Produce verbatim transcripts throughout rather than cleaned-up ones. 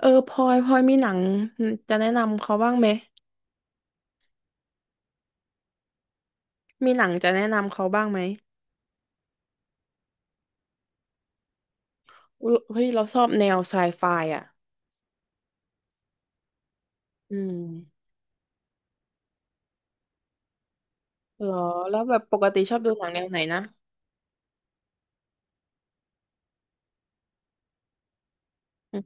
เออพลอยพลอยมีหนังจะแนะนำเขาบ้างไหมมีหนังจะแนะนำเขาบ้างไหมอุ๊ยเฮ้ยเราชอบแนวไซไฟอ่ะอืมเหรอแล้วแบบปกติชอบดูหนังแนวไหนนะอืม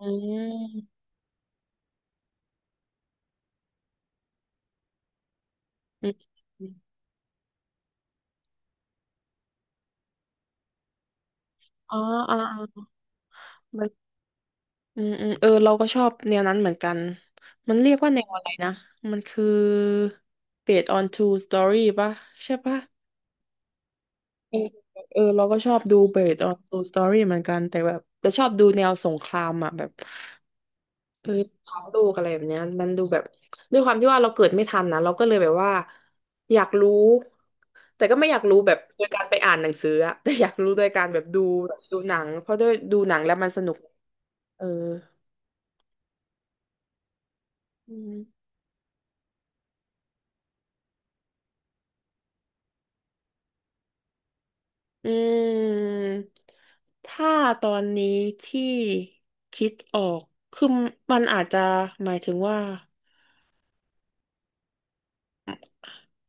อืมอืมอ๋ออ๋ออ๋อมันอืมอืมเออเราก็ชอบแนวนั้นเหมือนกันมันเรียกว่าแนวอะไรนะมันคือ based on true story ป่ะใช่ป่ะเออเออเราก็ชอบดู based on true story เหมือนกันแต่แบบจะชอบดูแนวสงครามอ่ะแบบ เออท้องลูกอะไรแบบเนี้ยมันดูแบบด้วยความที่ว่าเราเกิดไม่ทันนะเราก็เลยแบบว่าอยากรู้แต่ก็ไม่อยากรู้แบบโดยการไปอ่านหนังสืออะ แต่อยากรู้โดยการแบบดูแบบดูหนังเพราะด้วยดูหนังแล้วมันสนุกเอออืมอืมถ้าตอนนี้ที่คิดออกคือมันอาจจะหมายถึงว่า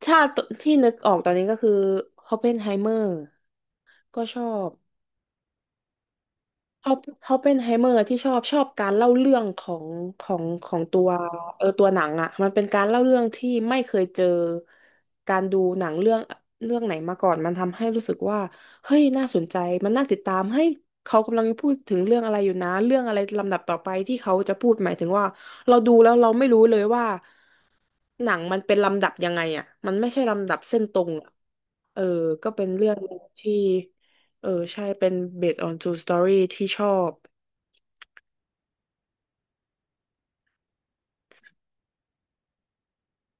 ชาติที่นึกออกตอนนี้ก็คือ ออปเพนไฮเมอร์ก็ชอบ เขาเขาเป็นไฮเมอร์ที่ชอบชอบการเล่าเรื่องของของของตัวเออตัวหนังอ่ะมันเป็นการเล่าเรื่องที่ไม่เคยเจอการดูหนังเรื่องเรื่องไหนมาก่อนมันทำให้รู้สึกว่าเฮ้ยน่าสนใจมันน่าติดตามเฮ้ยเขากำลังพูดถึงเรื่องอะไรอยู่นะเรื่องอะไรลำดับต่อไปที่เขาจะพูดหมายถึงว่าเราดูแล้วเราไม่รู้เลยว่า หนังมันเป็นลำดับยังไงอ่ะมันไม่ใช่ลำดับเส้นตรงอะเออ ก็เป็นเรื่องที่ เออ ใช่เป็น based on true story ที่ชอบ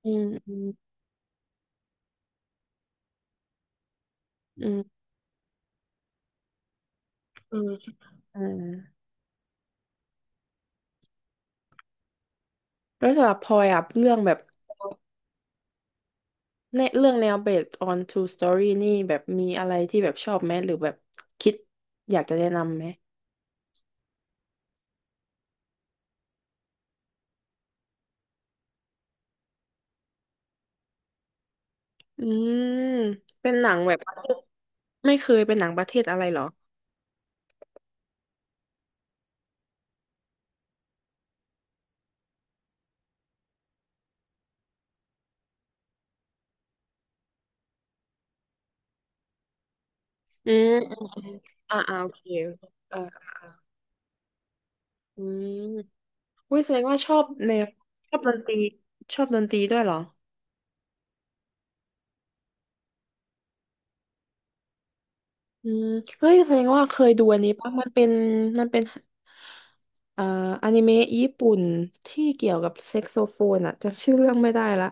อืม อืมอืมอืมอืมแล้วสำหรับพลอยอ่ะ เรื่องแบบในเรื่องแนว based on true story นี่แบบมีอะไรที่แบบชอบไหมหรือแบบคิดอยากจะแนะนำไหมอืมเป็นหนังแบบประเทศไม่เคยเป็นหนังประเทศอะไรเหรออืมอมอืมอ่าอ่าโอเคอ่าอ่าอืม วิ้ยแสดงว่าชอบแนวชอบดนตรีชอบดนตรีด้วยเหรออืมเฮ้ยแสดงว่าเคยดูอันนี้ปะมันเป็นมันเป็นเอ่ออนิเมะญี่ปุ่นที่เกี่ยวกับแซกโซโฟนอะจำชื่อเรื่องไม่ได้ละ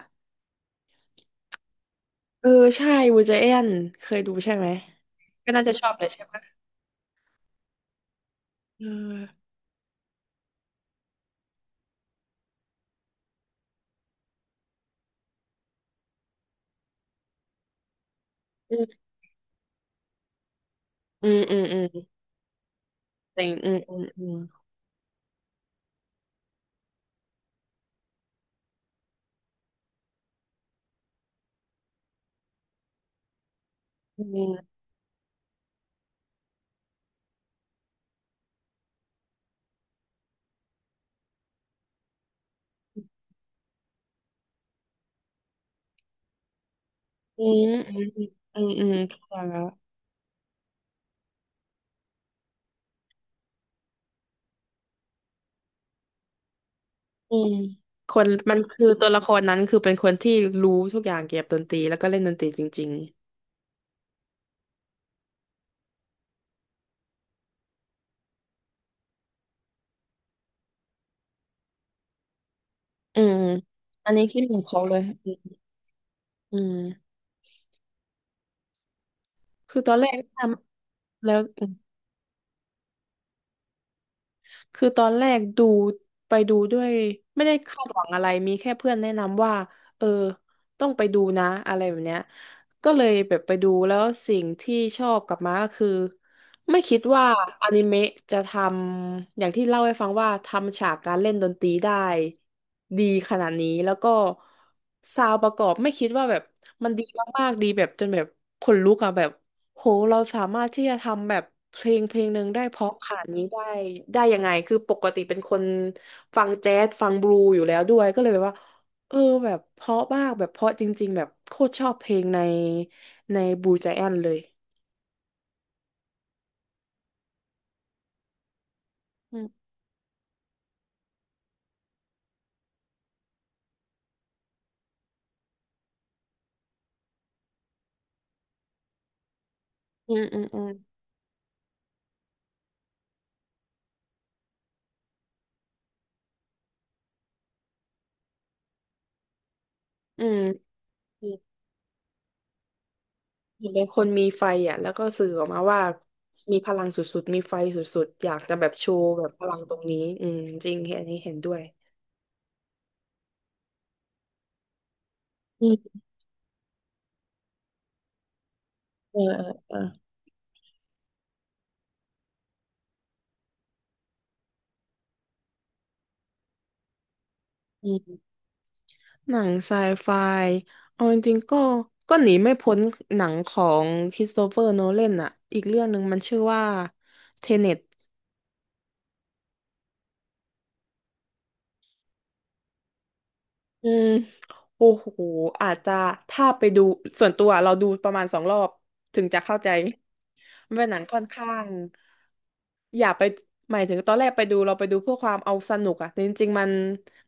เออใช่วูจแอนเคยดูใช่ไหมก็น่าจะชอบเลยใช่ปะเอออืมอืมอืมอืมแต่งอืมอืมอืมอืมอืมอืมอืมอืมอืมอืมอืมอืม อืมคนมันคือตัวละครนั้นคือเป็นคนที่รู้ทุกอย่างเกี่ยวกับดนตรีแล้วก็เล่นดนตรีจริงๆอืมอันนี้คิดเหมือนเขาเลยอืมอืมคือตอนแรกทำแล้วอืมคือตอนแรกดูไปดูด้วยไม่ได้คาดหวังอะไรมีแค่เพื่อนแนะนำว่าเออต้องไปดูนะอะไรแบบเนี้ยก็เลยแบบไปดูแล้วสิ่งที่ชอบกลับมาก็คือ ไม่คิดว่าอนิเมะจะทำอย่างที่เล่าให้ฟังว่าทำฉากการเล่นดนตรีได้ดีขนาดนี้แล้วก็ซาวด์ประกอบไม่คิดว่าแบบมันดีมากๆดีแบบจนแบบขนลุกอะแบบโหเราสามารถที่จะทำแบบเพลงเพลงหนึ่งได้เพราะขนาดนี้ได้ได้ยังไงคือปกติเป็นคนฟังแจ๊สฟังบลูอยู่แล้วด้วยก็เลยแบบว่าเออแบบเพราะมากแบบเพราะจริงๆแบบโคตรชอบเพลงในในบลูไจแอนเลยอืมอืมอืมอืม อืมเห็นเป็นคนมีไฟอ่ะแล้วก็สื่อออกมาว่ามีพลังสุดๆมีไฟสุดๆอยากจะแบบโชว์แบบพลังตรงนี้อืมจริงเห็นอันนี้เห็นด้วยอืมเออเออเอออืมหนังไซไฟเอาจริงๆก็ก็หนีไม่พ้นหนังของคริสโตเฟอร์โนแลนอ่ะอีกเรื่องหนึ่งมันชื่อว่าเทเน็ตอืมโอ้โหอาจจะถ้าไปดูส่วนตัวเราดูประมาณสองรอบถึงจะเข้าใจ มันเป็นหนังค่อนข้างอย่าไปหมายถึงตอนแรกไปดูเราไปดูเพื่อความเอาสนุกอะแต่จริงๆมัน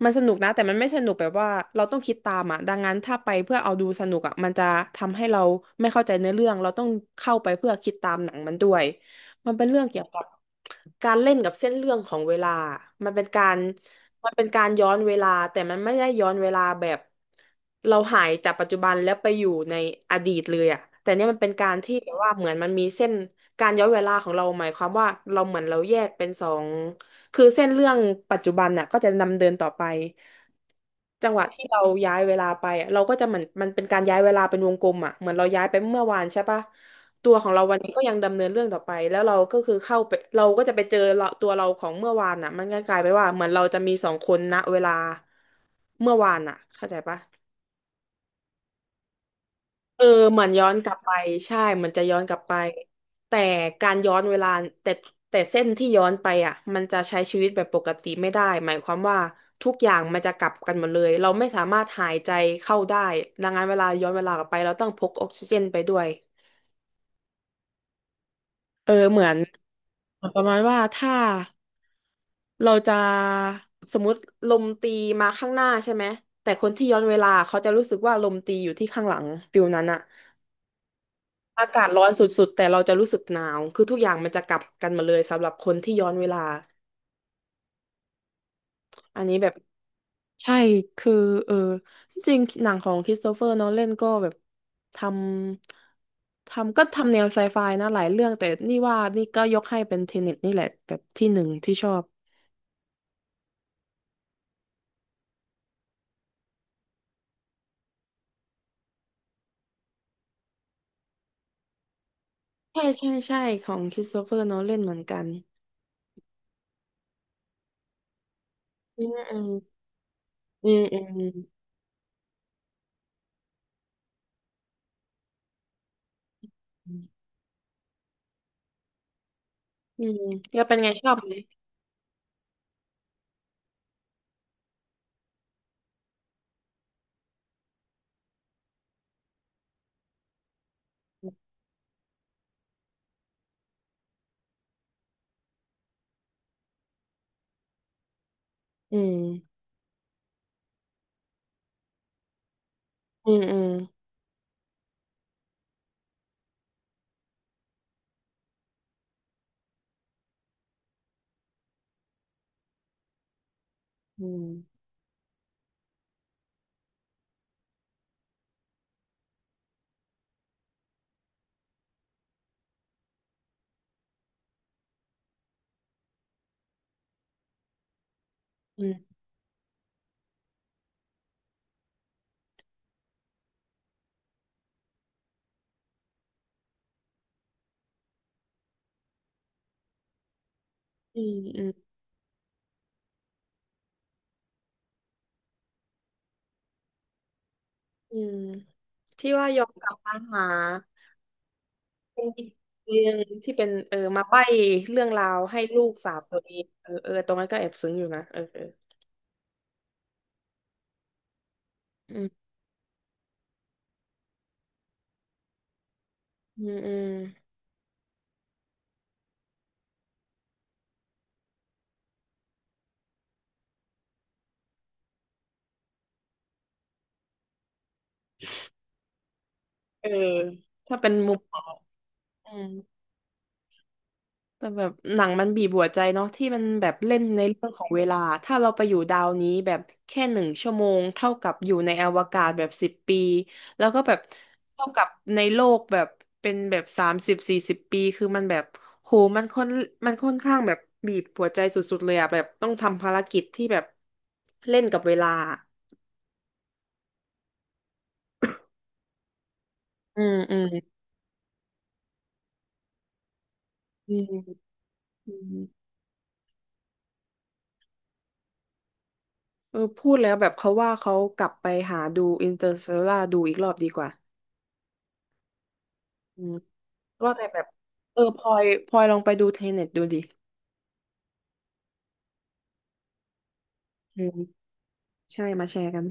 มันสนุกนะแต่มันไม่สนุกแบบว่าเราต้องคิดตามอะดังนั้นถ้าไปเพื่อเอาดูสนุกอะมันจะทำให้เราไม่เข้าใจเนื้อเรื่องเราต้องเข้าไปเพื่อคิดตามหนังมันด้วยมันเป็นเรื่องเกี่ยวกับ การเล่นกับเส้นเรื่องของเวลา มันเป็นการ มันเป็นการย้อนเวลาแต่มันไม่ได้ย้อนเวลาแบบเราหายจากปัจจุบันแล้วไปอยู่ในอดีตเลยอะแต่เนี่ยมันเป็นการที่แบบว่าเหมือนมันมีเส้นการย้อนเวลาของเราหมายความว่าเราเหมือนเราแยกเป็นสองคือเส้นเรื่องปัจจุบันน่ะก็จะดำเดินต่อไปจังหวะที่เราย้ายเวลาไปอะเราก็จะเหมือนมันเป็นการย้ายเวลาเป็นวงกลมอ่ะเหมือนเราย้ายไปเมื่อวานใช่ปะ ตัวของเราวันนี้ก็ยังดำเนินเรื่องต่อไปแล้วเราก็คือเข้าไปเราก็จะไปเจอเราตัวเราของเมื่อวานน่ะมันก็กลายไปว่าเหมือนเราจะมีสองคนณเวลาเมื่อวานน่ะเข้าใจปะเออเหมือนย้อนกลับไปใช่เหมือนจะย้อนกลับไปแต่การย้อนเวลาแต่แต่เส้นที่ย้อนไปอ่ะมันจะใช้ชีวิตแบบปกติไม่ได้หมายความว่าทุกอย่างมันจะกลับกันหมดเลยเราไม่สามารถหายใจเข้าได้ดังนั้นเวลาย้อนเวลากลับไปเราต้องพกออกซิเจนไปด้วยเออเหมือนประมาณว่าถ้า เราจะสมมุติลมตีมาข้างหน้าใช่ไหมแต่คนที่ย้อนเวลาเขาจะรู้สึกว่าลมตีอยู่ที่ข้างหลังฟิลนั้นอะอากาศร้อนสุดๆแต่เราจะรู้สึกหนาวคือทุกอย่างมันจะกลับกันมาเลยสำหรับคนที่ย้อนเวลาอันนี้แบบใช่คือเออจริงๆหนังของคริสโตเฟอร์นอนแลนก็แบบทำทำก็ทำแนวไซไฟนะหลายเรื่องแต่นี่ว่านี่ก็ยกให้เป็นเทเน็ตนี่แหละแบบที่หนึ่งที่ชอบใช่ใช่ใช่ของคริสโตเฟอร์นอนแลนเหมือนกันอืม อืมอืมอืมอืมแล้วเป็นไงชอบไหมอืมอืมอืมอืมอืมอืมอืมอืมที่ว่ายอมกลับมาหาเป็นอีกเรื่องที่เป็นเออมาใบ้เรื่องราวให้ลูกสาวตัวเองเออเออตรงนั้นก็แอบซึ้งอยู่นะเออเอออืมอืมอืมเออถ้าเป็นมุมมองอืม แต่แบบหนังมันบีบหัวใจเนาะที่มันแบบเล่นในเรื่องของเวลาถ้าเราไปอยู่ดาวนี้แบบแค่หนึ่งชั่วโมงเท่ากับอยู่ในอวกาศแบบสิบปีแล้วก็แบบเท่ากับในโลกแบบเป็นแบบสามสิบสี่สิบปีคือมันแบบโหมันค่อนมันค่อนข้างแบบบีบหัวใจสุดๆเลยอะแบบต้องทำภารกิจที่แบบเล่นกับเวลาอืมอืมอืมอืมเออพูดแล้วแบบเขาว่าเขากลับไปหาดูอินเตอร์ l เ a ลาดูอีกรอบดีกว่าอืม ว่าแต่แบบเออพลอยพลอยลองไปดูเทเน็ตดูดิอืมใช่มาแชร์กัน